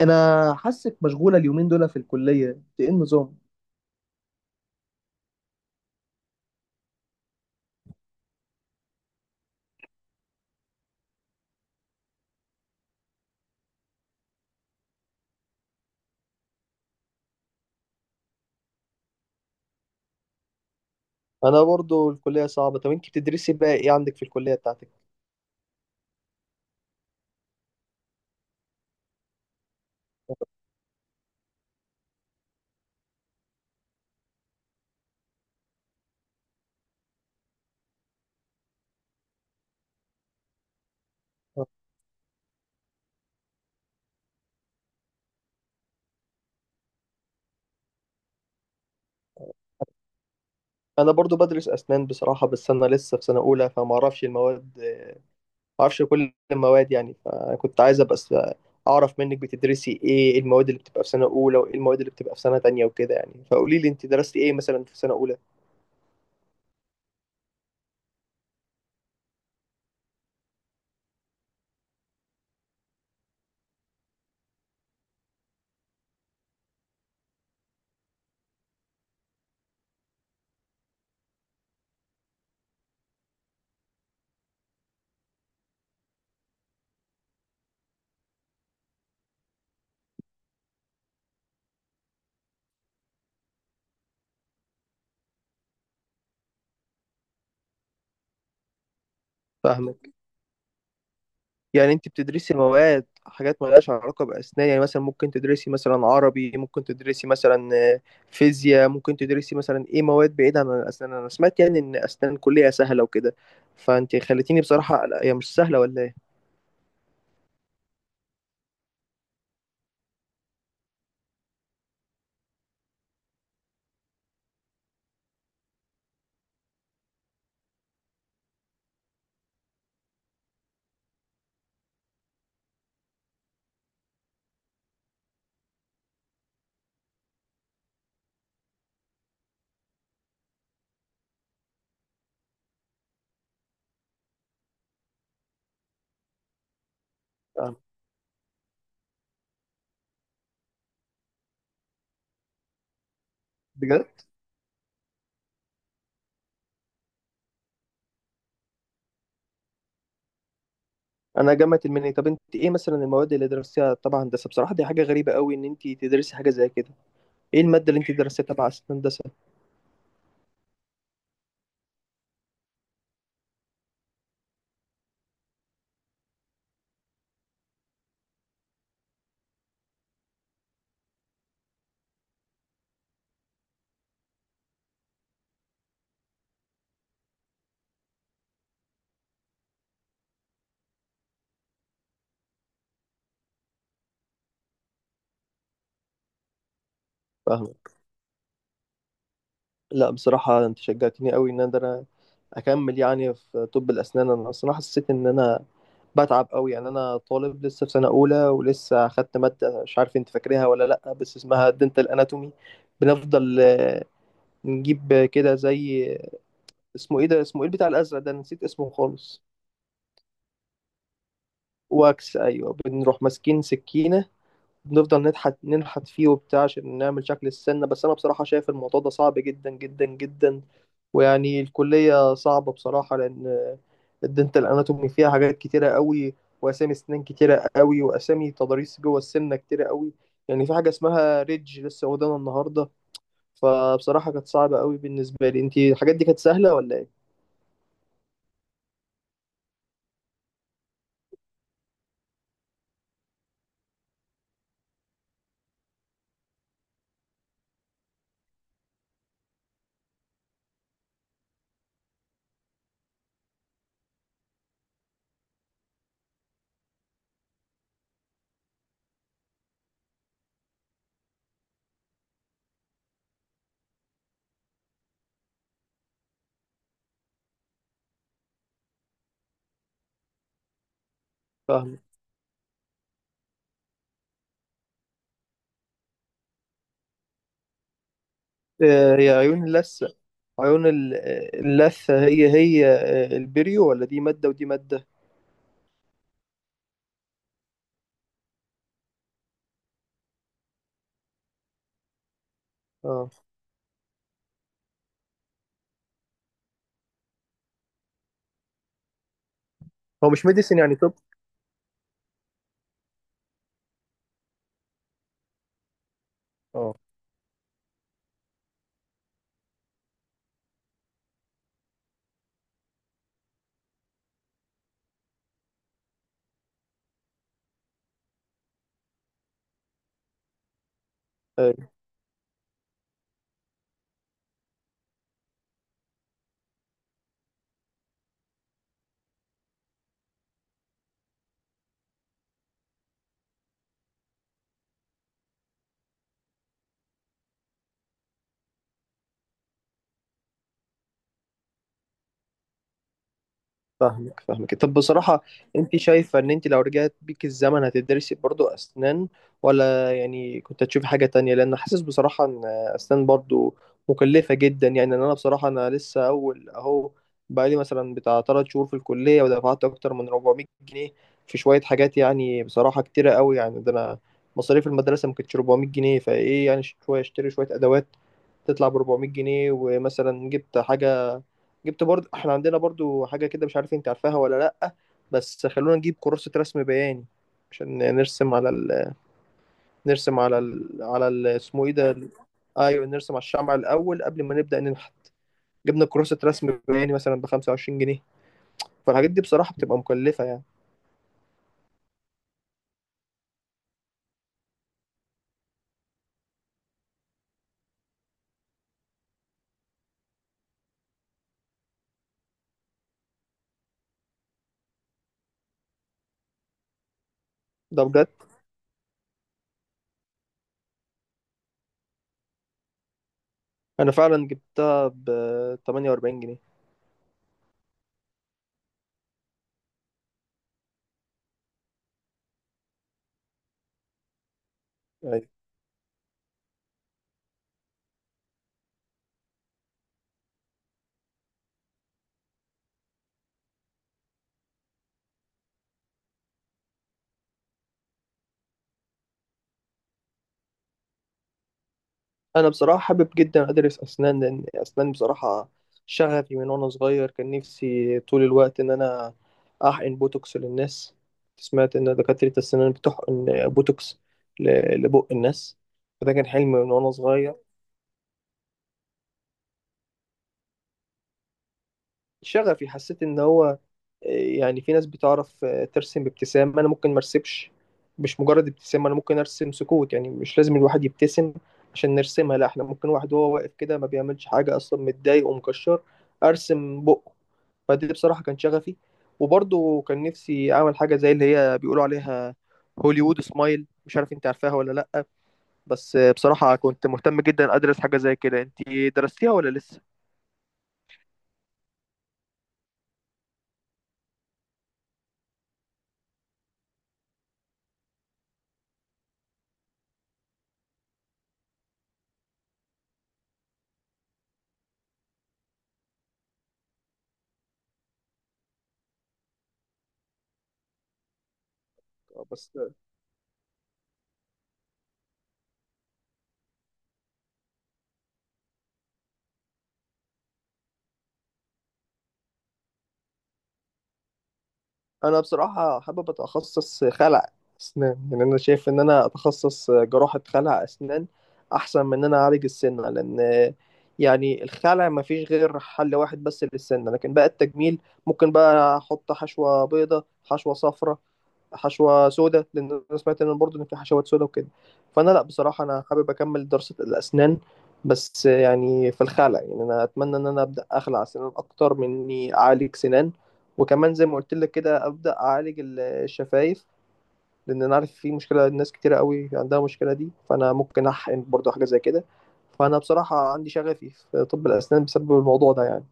انا حاسك مشغوله اليومين دول في الكليه، انت ايه النظام؟ انا برضو الكليه صعبه، طب انت بتدرسي بقى ايه عندك في الكليه بتاعتك؟ انا برضو بدرس اسنان بصراحه، بس انا لسه في سنه اولى فما اعرفش المواد، ما اعرفش كل المواد، يعني فكنت عايزه بس اعرف منك بتدرسي ايه، إيه المواد اللي بتبقى في سنه اولى، وايه المواد اللي بتبقى في سنه تانية وكده، يعني فقولي لي انت درستي ايه مثلا في سنه اولى. فاهمك. يعني انت بتدرسي مواد حاجات مالهاش علاقة بأسنان، يعني مثلا ممكن تدرسي مثلا عربي، ممكن تدرسي مثلا آه، فيزياء، ممكن تدرسي مثلا ايه، مواد بعيدة عن الأسنان. انا سمعت يعني ان أسنان كلية سهلة وكده، فانت خليتيني بصراحة... لا، هي مش سهلة ولا ايه؟ آه، بجد؟ انا جامعة المنيا. طب انت ايه مثلا المواد اللي درستيها تبع هندسة؟ بصراحة دي حاجة غريبة قوي ان انت تدرسي حاجة زي كده. ايه المادة اللي انت درستيها تبع هندسة؟ فاهمة. لا بصراحة انت شجعتني قوي ان انا اكمل يعني في طب الاسنان. انا اصلا حسيت ان انا بتعب قوي، يعني انا طالب لسه في سنة اولى، ولسه اخدت مادة، مش عارف انت فاكرها ولا لا، بس اسمها دنتال اناتومي. بنفضل نجيب كده زي... اسمه ايه ده؟ اسمه ايه بتاع الازرق ده؟ أنا نسيت اسمه خالص. واكس، ايوه. بنروح ماسكين سكينة، بنفضل نضحك ننحت فيه وبتاع عشان نعمل شكل السنة. بس أنا بصراحة شايف الموضوع ده صعب جدا جدا جدا، ويعني الكلية صعبة بصراحة، لأن الدنتال أناتومي فيها حاجات كتيرة قوي، وأسامي أسنان كتيرة قوي، وأسامي تضاريس جوه السنة كتيرة قوي. يعني في حاجة اسمها ريدج لسه قدامنا النهاردة. فبصراحة كانت صعبة قوي بالنسبة لي. أنتي الحاجات دي كانت سهلة ولا إيه؟ فاهمة. آه، هي عيون اللثة. عيون اللثة، هي البريو، ولا دي مادة ودي مادة؟ اه. هو مش ميديسن يعني طب؟ اه. ايوه. فاهمك فاهمك. طب بصراحة انت شايفة ان انت لو رجعت بيك الزمن هتدرسي برضو اسنان، ولا يعني كنت هتشوفي حاجة تانية؟ لان حاسس بصراحة ان اسنان برضو مكلفة جدا، يعني ان انا بصراحة انا لسه اول اهو، بقالي مثلا بتاع 3 شهور في الكلية ودفعت اكتر من 400 جنيه في شوية حاجات، يعني بصراحة كتيرة قوي، يعني ده انا مصاريف المدرسة ما كانتش 400 جنيه، فايه؟ يعني شوية اشتري شوية ادوات تطلع ب 400 جنيه، ومثلا جبت حاجة، جبت برضو... احنا عندنا برضو حاجة كده، مش عارف انت عارفاها ولا لأ، بس خلونا نجيب كراسة رسم بياني عشان نرسم على ال... نرسم على ال... على ال... اسمه ايه ده ايوه، نرسم على الشمع الأول قبل ما نبدأ ننحت. جبنا كراسة رسم بياني مثلا بخمسة وعشرين جنيه. فالحاجات دي بصراحة بتبقى مكلفة يعني. ده بجد؟ أنا فعلا جبتها بتمانية وأربعين جنيه. انا بصراحه حابب جدا ادرس اسنان، لان اسنان بصراحه شغفي. من وانا صغير كان نفسي طول الوقت ان انا احقن بوتوكس للناس. سمعت ان دكاتره الاسنان بتحقن بوتوكس لبق الناس. فده كان حلم من وانا صغير. شغفي، حسيت ان هو يعني في ناس بتعرف ترسم بابتسامة. انا ممكن ما ارسمش. مش مجرد ابتسامة، انا ممكن ارسم سكوت. يعني مش لازم الواحد يبتسم عشان نرسمها، لا، احنا ممكن واحد وهو واقف كده ما بيعملش حاجة اصلا، متضايق ومكشر، ارسم بقه. فدي بصراحة كان شغفي. وبرضه كان نفسي أعمل حاجة زي اللي هي بيقولوا عليها هوليوود سمايل. مش عارف أنت عارفاها ولا لأ، بس بصراحة كنت مهتم جدا أدرس حاجة زي كده. أنت درستيها ولا لسه؟ آه، بس انا بصراحه حابب اتخصص خلع اسنان. يعني انا شايف ان انا اتخصص جراحه خلع اسنان احسن من ان انا اعالج السنه، لان يعني الخلع ما فيش غير حل واحد بس للسنه، لكن بقى التجميل ممكن بقى احط حشوه بيضه، حشوه صفراء، حشوه سوداء، لان انا سمعت ان برضه ان في حشوات سوداء وكده. فانا لا بصراحه انا حابب اكمل دراسه الاسنان، بس يعني في الخلع، يعني انا اتمنى ان انا ابدا اخلع اسنان اكتر من اني اعالج سنان. وكمان زي ما قلت لك كده، ابدا اعالج الشفايف، لان انا عارف في مشكله، ناس كتيره قوي عندها المشكله دي، فانا ممكن احقن برضه حاجه زي كده. فانا بصراحه عندي شغفي في طب الاسنان بسبب الموضوع ده يعني.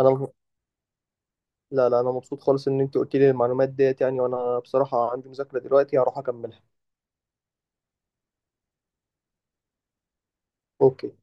انا لا لا، انا مبسوط خالص ان انت قلت لي المعلومات ديت، يعني وانا بصراحه عندي مذاكره دلوقتي هروح اكملها. اوكي.